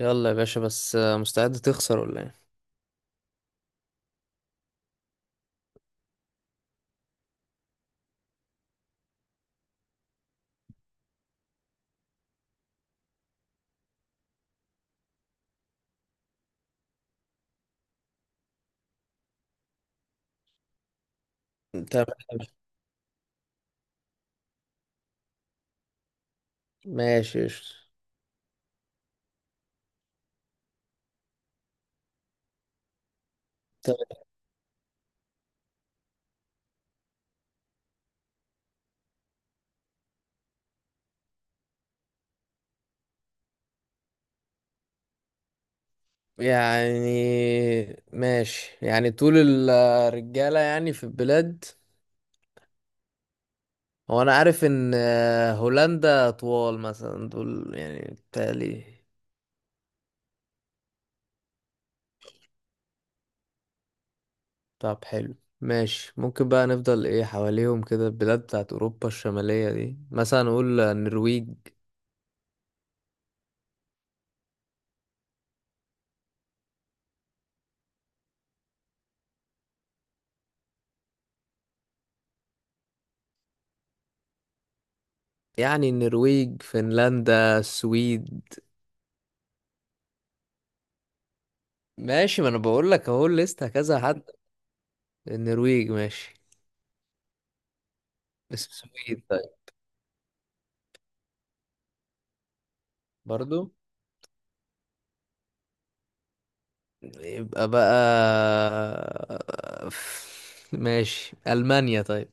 يلا يا باشا، بس مستعد تخسر ولا ايه؟ تمام. ماشي قشطة. طب يعني، ماشي. يعني طول الرجالة يعني في البلاد. هو انا عارف ان هولندا طوال مثلا، دول يعني بتالي. طب حلو، ماشي. ممكن بقى نفضل ايه حواليهم كده، البلاد بتاعت اوروبا الشمالية دي، مثلا نقول النرويج. يعني النرويج، فنلندا، السويد. ماشي، ما انا بقول لك اهو لسه كذا حد. النرويج ماشي. السويد طيب. برضو؟ يبقى بقى ماشي، ألمانيا طيب.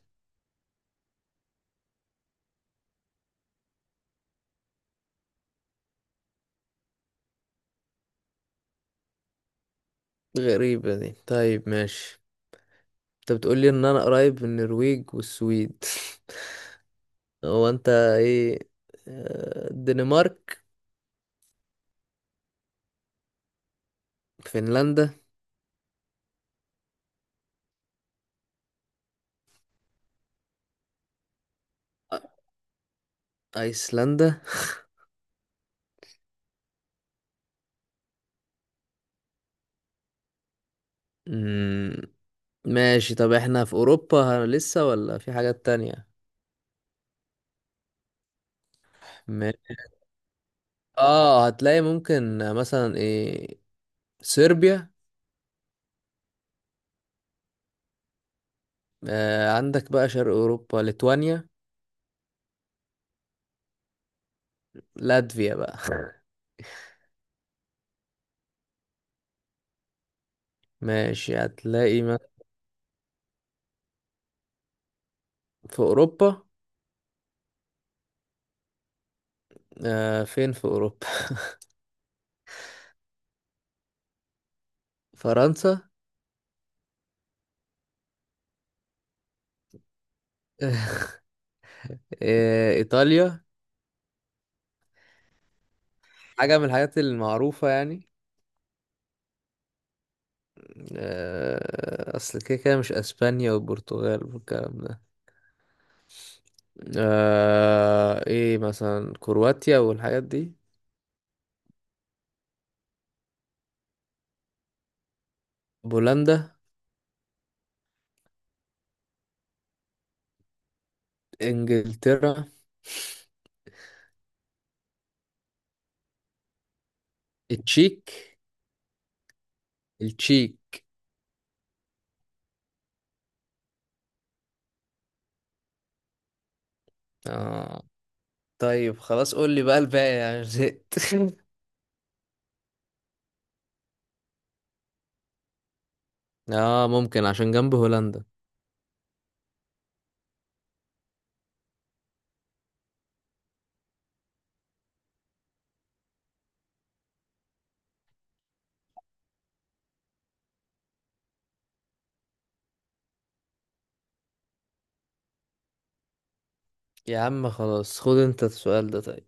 غريبة دي، طيب ماشي. انت بتقولي ان انا قريب من النرويج والسويد. هو انت ايه؟ الدنمارك. فنلندا. ايسلندا. مم. ماشي. طب احنا في اوروبا لسه ولا في حاجات تانية؟ ما- اه هتلاقي ممكن مثلا ايه، صربيا. آه عندك بقى شرق اوروبا، ليتوانيا، لاتفيا بقى. ماشي هتلاقي ما. في أوروبا؟ آه فين في أوروبا؟ فرنسا. آه إيطاليا. حاجة من الحاجات المعروفة يعني. آه أصل كده كده مش أسبانيا والبرتغال والكلام ده. آه إيه مثلا كرواتيا والحاجات دي. بولندا. إنجلترا. التشيك. التشيك. آه. طيب خلاص قول لي بقى الباقي، يعني زهقت. اه ممكن عشان جنب هولندا. يا عم خلاص خد انت السؤال ده طيب.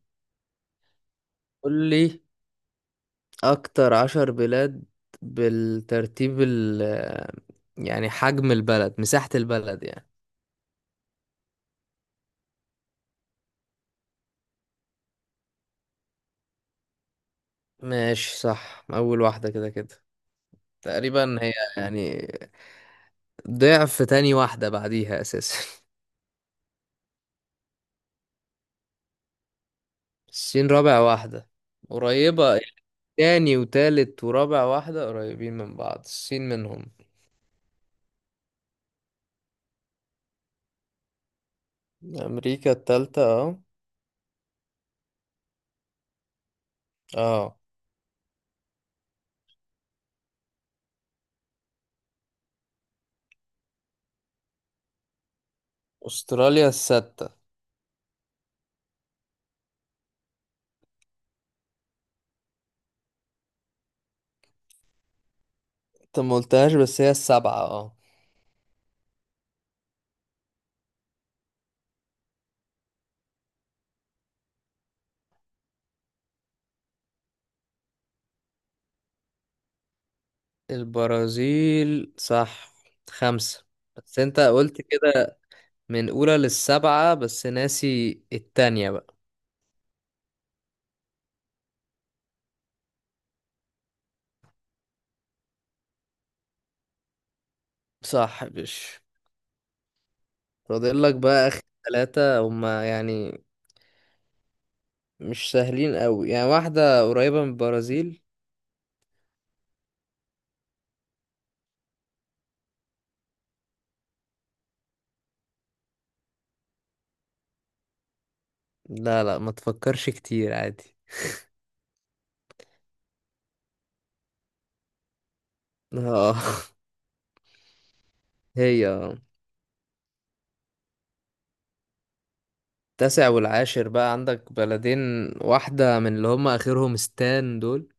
قول لي اكتر عشر بلاد بالترتيب، ال يعني حجم البلد، مساحة البلد يعني. ماشي صح، اول واحدة كده كده تقريبا هي يعني. ضعف تاني واحدة بعديها اساسا. الصين رابع واحدة. قريبة. تاني وتالت ورابع واحدة قريبين من بعض، الصين منهم. امريكا التالتة اه. اه. استراليا الستة. انت ما قلتهاش، بس هي السبعة اه. البرازيل صح، خمسة. بس انت قلت كده من اولى للسبعة، بس ناسي التانية بقى. صح يا باشا. فاضل لك بقى اخر ثلاثة، هما يعني مش سهلين قوي. يعني واحدة قريبة من البرازيل. لا لا، ما تفكرش كتير، عادي. اه. هي اه. التاسع والعاشر بقى عندك بلدين. واحدة من اللي هما آخرهم ستان دول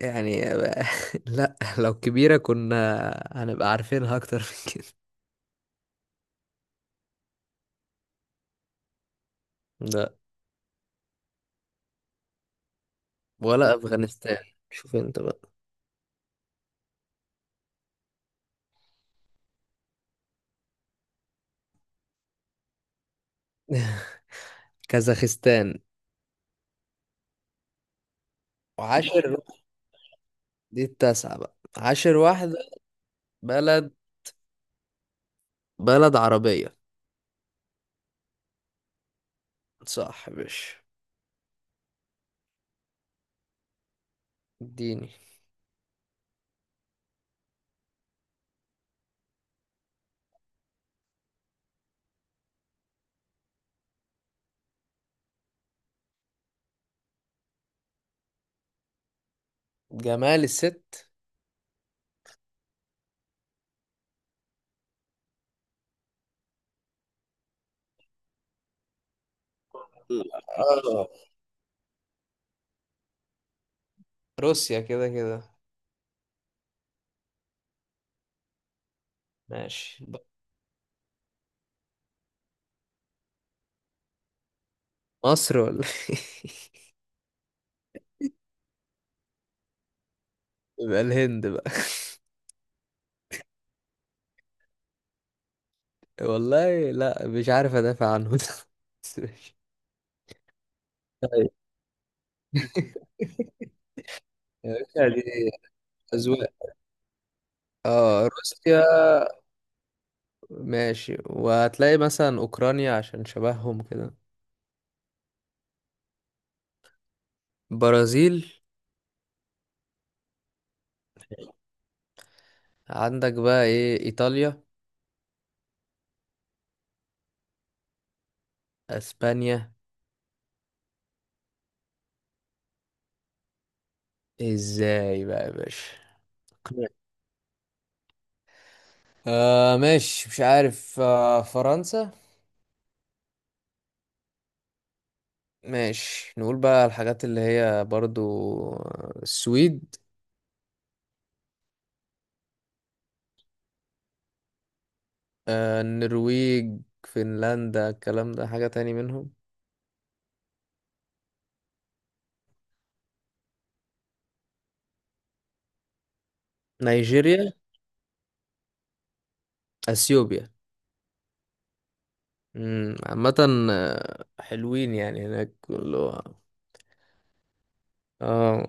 يعني. لا لو كبيرة كنا هنبقى عارفينها أكتر من كده. لا. ولا افغانستان، شوف انت بقى. كازاخستان. وعاشر، دي التاسعة بقى، عاشر واحدة بلد، بلد عربية. صح يا باشا. اديني. جمال الست. آه. روسيا كده كده. ماشي بقى. مصر ولا؟ يبقى الهند بقى. والله لا، مش عارف ادافع عنه ده، بس ماشي. طيب. يا باشا دي أذواق. اه روسيا. ماشي، وهتلاقي مثلا اوكرانيا عشان شبههم كده. برازيل. عندك بقى ايه، ايطاليا. اسبانيا. ازاي بقى يا باشا، قناع. آه ماشي، مش عارف. آه فرنسا. ماشي نقول بقى الحاجات اللي هي برضو، السويد. آه النرويج، فنلندا الكلام ده حاجة تاني منهم. نيجيريا. اثيوبيا. عامة حلوين يعني هناك كله. اه.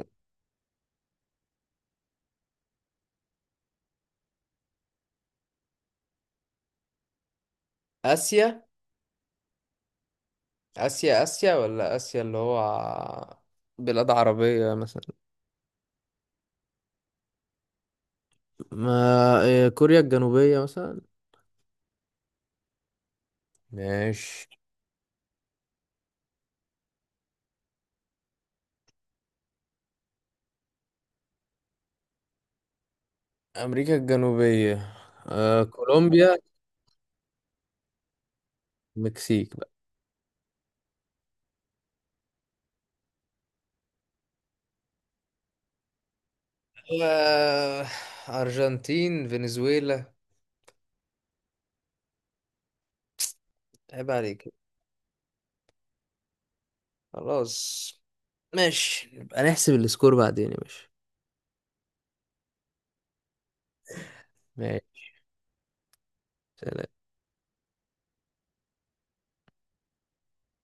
اسيا. اسيا اسيا ولا اسيا اللي هو بلاد عربية مثلا؟ ما كوريا الجنوبية مثلا. ماشي. امريكا الجنوبية. كولومبيا. المكسيك بقى. آه، ارجنتين، فنزويلا. عيب عليك. خلاص ماشي، هنحسب السكور بعدين يا باشا. ماشي. سلام.